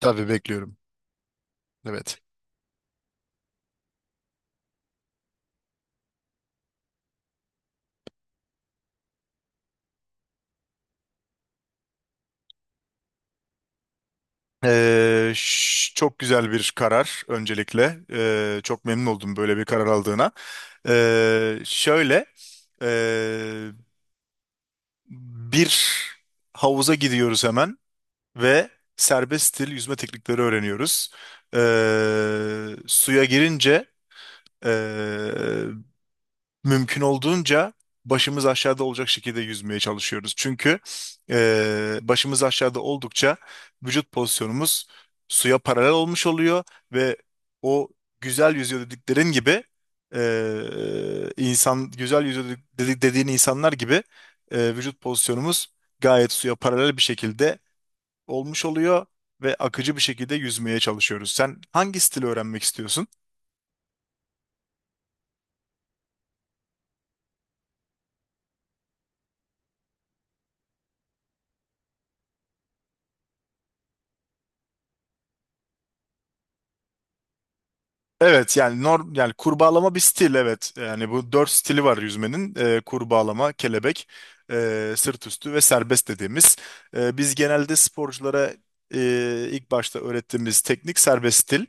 Tabii bekliyorum. Evet. Çok güzel bir karar öncelikle. Çok memnun oldum böyle bir karar aldığına. Şöyle ee, Bir havuza gidiyoruz hemen ve serbest stil yüzme teknikleri öğreniyoruz. Suya girince ee, mümkün olduğunca başımız aşağıda olacak şekilde yüzmeye çalışıyoruz. Çünkü başımız aşağıda oldukça vücut pozisyonumuz suya paralel olmuş oluyor ve o güzel yüzüyor dediklerin gibi e, insan güzel yüzüyor dediğin insanlar gibi vücut pozisyonumuz gayet suya paralel bir şekilde olmuş oluyor ve akıcı bir şekilde yüzmeye çalışıyoruz. Sen hangi stili öğrenmek istiyorsun? Evet, yani norm, yani kurbağalama bir stil, evet. Yani bu dört stili var yüzmenin. Kurbağalama, kelebek, sırt üstü ve serbest dediğimiz. Biz genelde sporculara ilk başta öğrettiğimiz teknik serbest stil.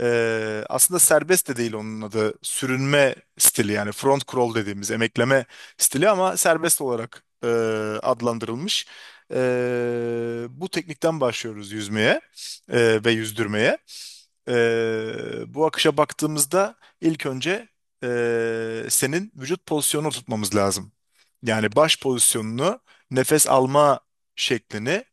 Aslında serbest de değil onun adı. Sürünme stili, yani front crawl dediğimiz emekleme stili, ama serbest olarak adlandırılmış. Bu teknikten başlıyoruz yüzmeye ve yüzdürmeye. Bu akışa baktığımızda ilk önce senin vücut pozisyonunu tutmamız lazım. Yani baş pozisyonunu, nefes alma şeklini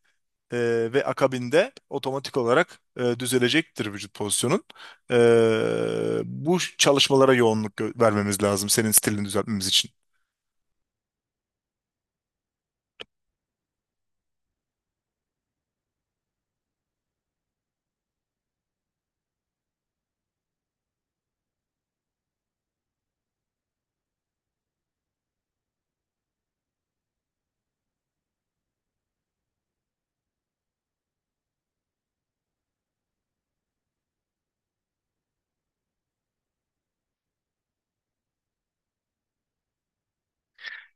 ve akabinde otomatik olarak düzelecektir vücut pozisyonun. Bu çalışmalara yoğunluk vermemiz lazım senin stilini düzeltmemiz için.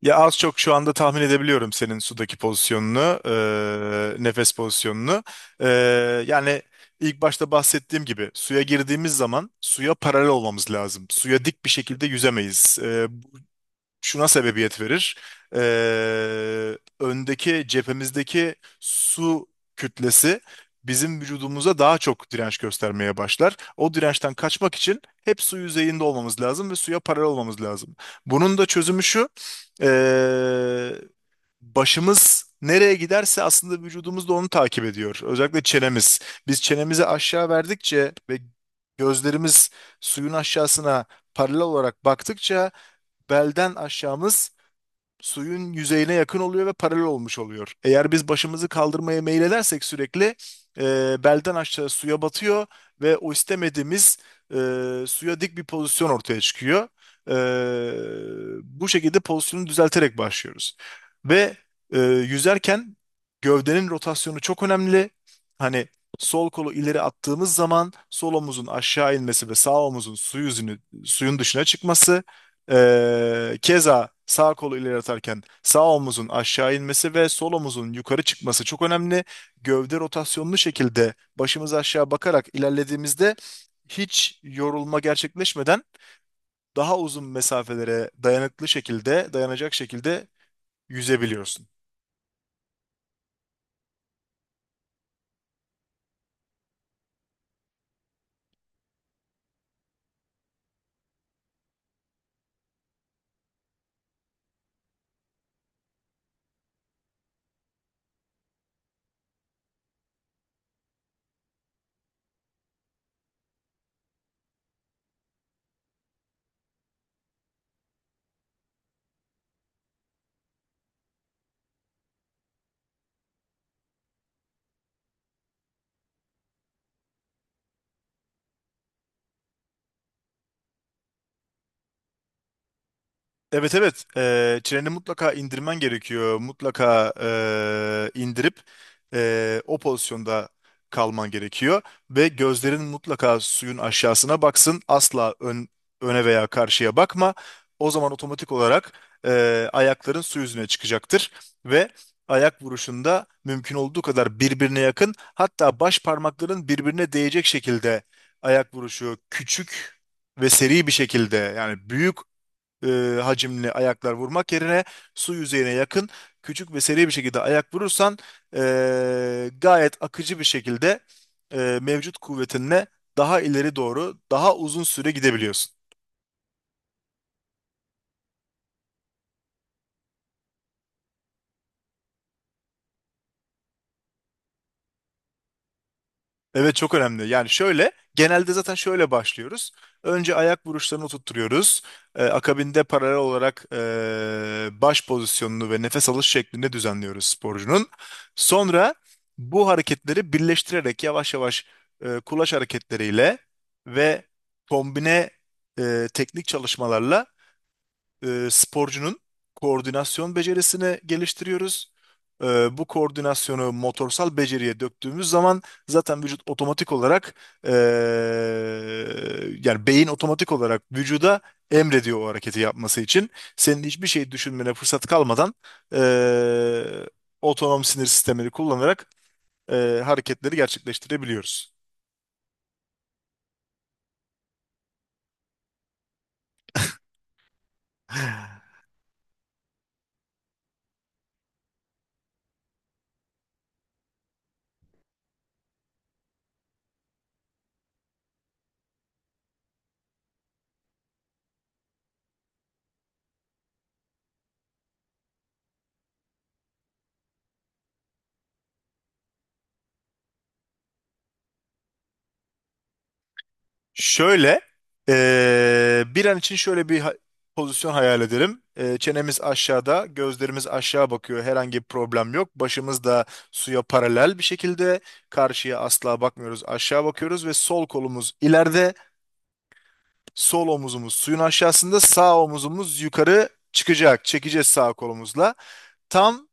Ya az çok şu anda tahmin edebiliyorum senin sudaki pozisyonunu, nefes pozisyonunu. Eee, yani ilk başta bahsettiğim gibi suya girdiğimiz zaman suya paralel olmamız lazım. Suya dik bir şekilde yüzemeyiz. Şuna sebebiyet verir. Öndeki cephemizdeki su kütlesi bizim vücudumuza daha çok direnç göstermeye başlar. O dirençten kaçmak için hep su yüzeyinde olmamız lazım ve suya paralel olmamız lazım. Bunun da çözümü şu. ee, Başımız nereye giderse aslında vücudumuz da onu takip ediyor. Özellikle çenemiz. Biz çenemizi aşağı verdikçe ve gözlerimiz suyun aşağısına paralel olarak baktıkça belden aşağımız suyun yüzeyine yakın oluyor ve paralel olmuş oluyor. Eğer biz başımızı kaldırmaya meyledersek sürekli e, belden aşağı suya batıyor ve o istemediğimiz e, suya dik bir pozisyon ortaya çıkıyor. E, Bu şekilde pozisyonu düzelterek başlıyoruz. Ve yüzerken gövdenin rotasyonu çok önemli. Hani sol kolu ileri attığımız zaman sol omuzun aşağı inmesi ve sağ omuzun su yüzünü, suyun dışına çıkması, keza sağ kolu ileri atarken sağ omuzun aşağı inmesi ve sol omuzun yukarı çıkması çok önemli. Gövde rotasyonlu şekilde başımız aşağı bakarak ilerlediğimizde hiç yorulma gerçekleşmeden daha uzun mesafelere dayanıklı şekilde, dayanacak şekilde yüzebiliyorsun. Evet, evet. Treni mutlaka indirmen gerekiyor. Mutlaka indirip o pozisyonda kalman gerekiyor. Ve gözlerin mutlaka suyun aşağısına baksın. Asla öne veya karşıya bakma. O zaman otomatik olarak ayakların su yüzüne çıkacaktır. Ve ayak vuruşunda mümkün olduğu kadar birbirine yakın, hatta baş parmakların birbirine değecek şekilde ayak vuruşu küçük ve seri bir şekilde, yani büyük hacimli ayaklar vurmak yerine su yüzeyine yakın küçük ve seri bir şekilde ayak vurursan gayet akıcı bir şekilde mevcut kuvvetinle daha ileri doğru daha uzun süre gidebiliyorsun. Evet, çok önemli. Yani şöyle, genelde zaten şöyle başlıyoruz. Önce ayak vuruşlarını tutturuyoruz. Akabinde paralel olarak baş pozisyonunu ve nefes alış şeklinde düzenliyoruz sporcunun. Sonra bu hareketleri birleştirerek yavaş yavaş kulaç hareketleriyle ve kombine teknik çalışmalarla sporcunun koordinasyon becerisini geliştiriyoruz. Bu koordinasyonu motorsal beceriye döktüğümüz zaman zaten vücut otomatik olarak e, yani beyin otomatik olarak vücuda emrediyor o hareketi yapması için. Senin hiçbir şey düşünmene fırsat kalmadan e, otonom sinir sistemini kullanarak hareketleri gerçekleştirebiliyoruz. Şöyle, bir an için şöyle bir pozisyon hayal edelim. Çenemiz aşağıda, gözlerimiz aşağı bakıyor. Herhangi bir problem yok. Başımız da suya paralel bir şekilde. Karşıya asla bakmıyoruz. Aşağı bakıyoruz ve sol kolumuz ileride, sol omuzumuz suyun aşağısında, sağ omuzumuz yukarı çıkacak. Çekeceğiz sağ kolumuzla. Tam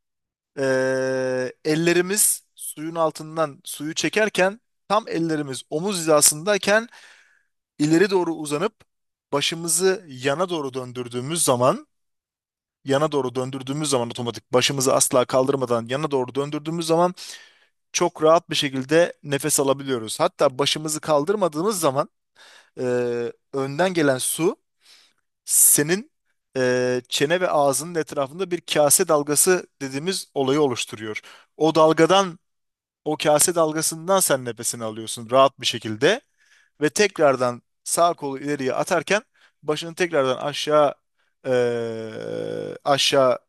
ellerimiz suyun altından suyu çekerken, tam ellerimiz omuz hizasındayken ileri doğru uzanıp başımızı yana doğru döndürdüğümüz zaman, yana doğru döndürdüğümüz zaman, otomatik başımızı asla kaldırmadan yana doğru döndürdüğümüz zaman çok rahat bir şekilde nefes alabiliyoruz. Hatta başımızı kaldırmadığımız zaman e, önden gelen su senin çene ve ağzının etrafında bir kase dalgası dediğimiz olayı oluşturuyor. O dalgadan, o kase dalgasından sen nefesini alıyorsun rahat bir şekilde. Ve tekrardan sağ kolu ileriye atarken başını tekrardan aşağı, aşağı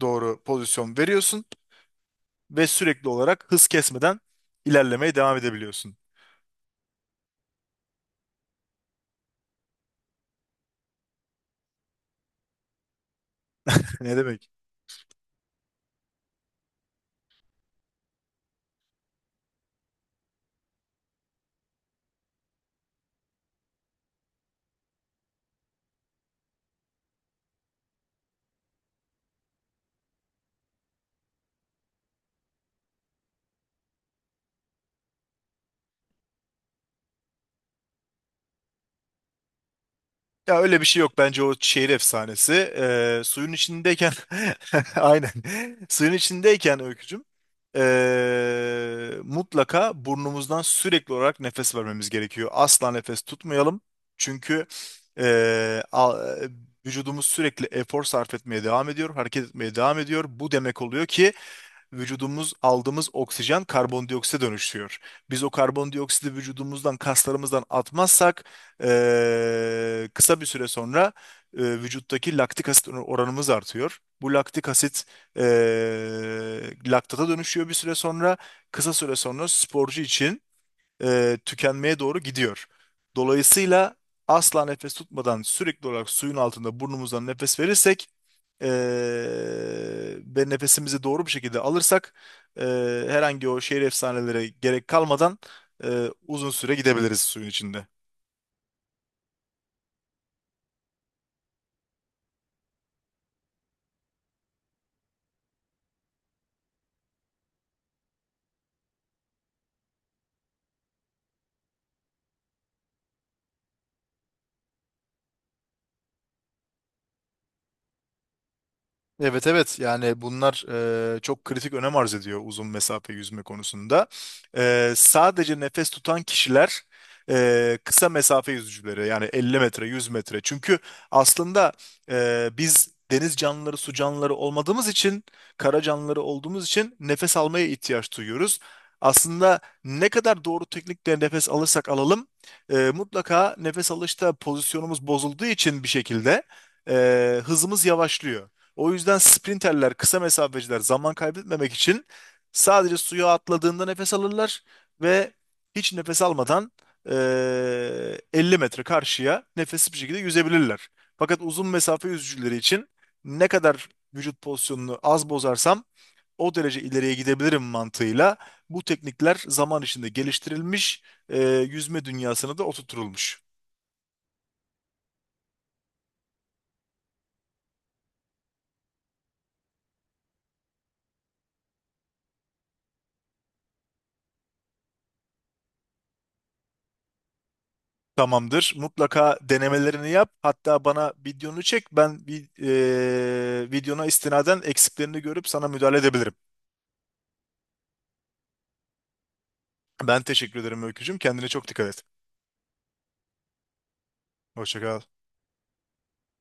doğru pozisyon veriyorsun ve sürekli olarak hız kesmeden ilerlemeye devam edebiliyorsun. Ne demek? Ya öyle bir şey yok, bence o şehir efsanesi. Suyun içindeyken aynen, suyun içindeyken Öykücüm, mutlaka burnumuzdan sürekli olarak nefes vermemiz gerekiyor. Asla nefes tutmayalım. Çünkü ee, a- vücudumuz sürekli efor sarf etmeye devam ediyor, hareket etmeye devam ediyor. Bu demek oluyor ki vücudumuz aldığımız oksijen karbondioksite dönüşüyor. Biz o karbondioksidi vücudumuzdan, kaslarımızdan atmazsak kısa bir süre sonra vücuttaki laktik asit oranımız artıyor. Bu laktik asit eee laktata dönüşüyor bir süre sonra. Kısa süre sonra sporcu için tükenmeye doğru gidiyor. Dolayısıyla asla nefes tutmadan sürekli olarak suyun altında burnumuzdan nefes verirsek ve nefesimizi doğru bir şekilde alırsak herhangi o şehir efsanelere gerek kalmadan uzun süre gidebiliriz suyun içinde. Evet, evet, yani bunlar çok kritik önem arz ediyor uzun mesafe yüzme konusunda. Sadece nefes tutan kişiler kısa mesafe yüzücüleri, yani 50 metre, 100 metre. Çünkü aslında biz deniz canlıları, su canlıları olmadığımız için, kara canlıları olduğumuz için nefes almaya ihtiyaç duyuyoruz. Aslında ne kadar doğru teknikle nefes alırsak alalım mutlaka nefes alışta pozisyonumuz bozulduğu için bir şekilde hızımız yavaşlıyor. O yüzden sprinterler, kısa mesafeciler zaman kaybetmemek için sadece suya atladığında nefes alırlar ve hiç nefes almadan 50 metre karşıya nefesli bir şekilde yüzebilirler. Fakat uzun mesafe yüzücüleri için ne kadar vücut pozisyonunu az bozarsam o derece ileriye gidebilirim mantığıyla bu teknikler zaman içinde geliştirilmiş, eee, yüzme dünyasına da oturtulmuş. Tamamdır. Mutlaka denemelerini yap. Hatta bana videonu çek. Ben bir videona istinaden eksiklerini görüp sana müdahale edebilirim. Ben teşekkür ederim Öykücüğüm. Kendine çok dikkat et. Hoşça kal.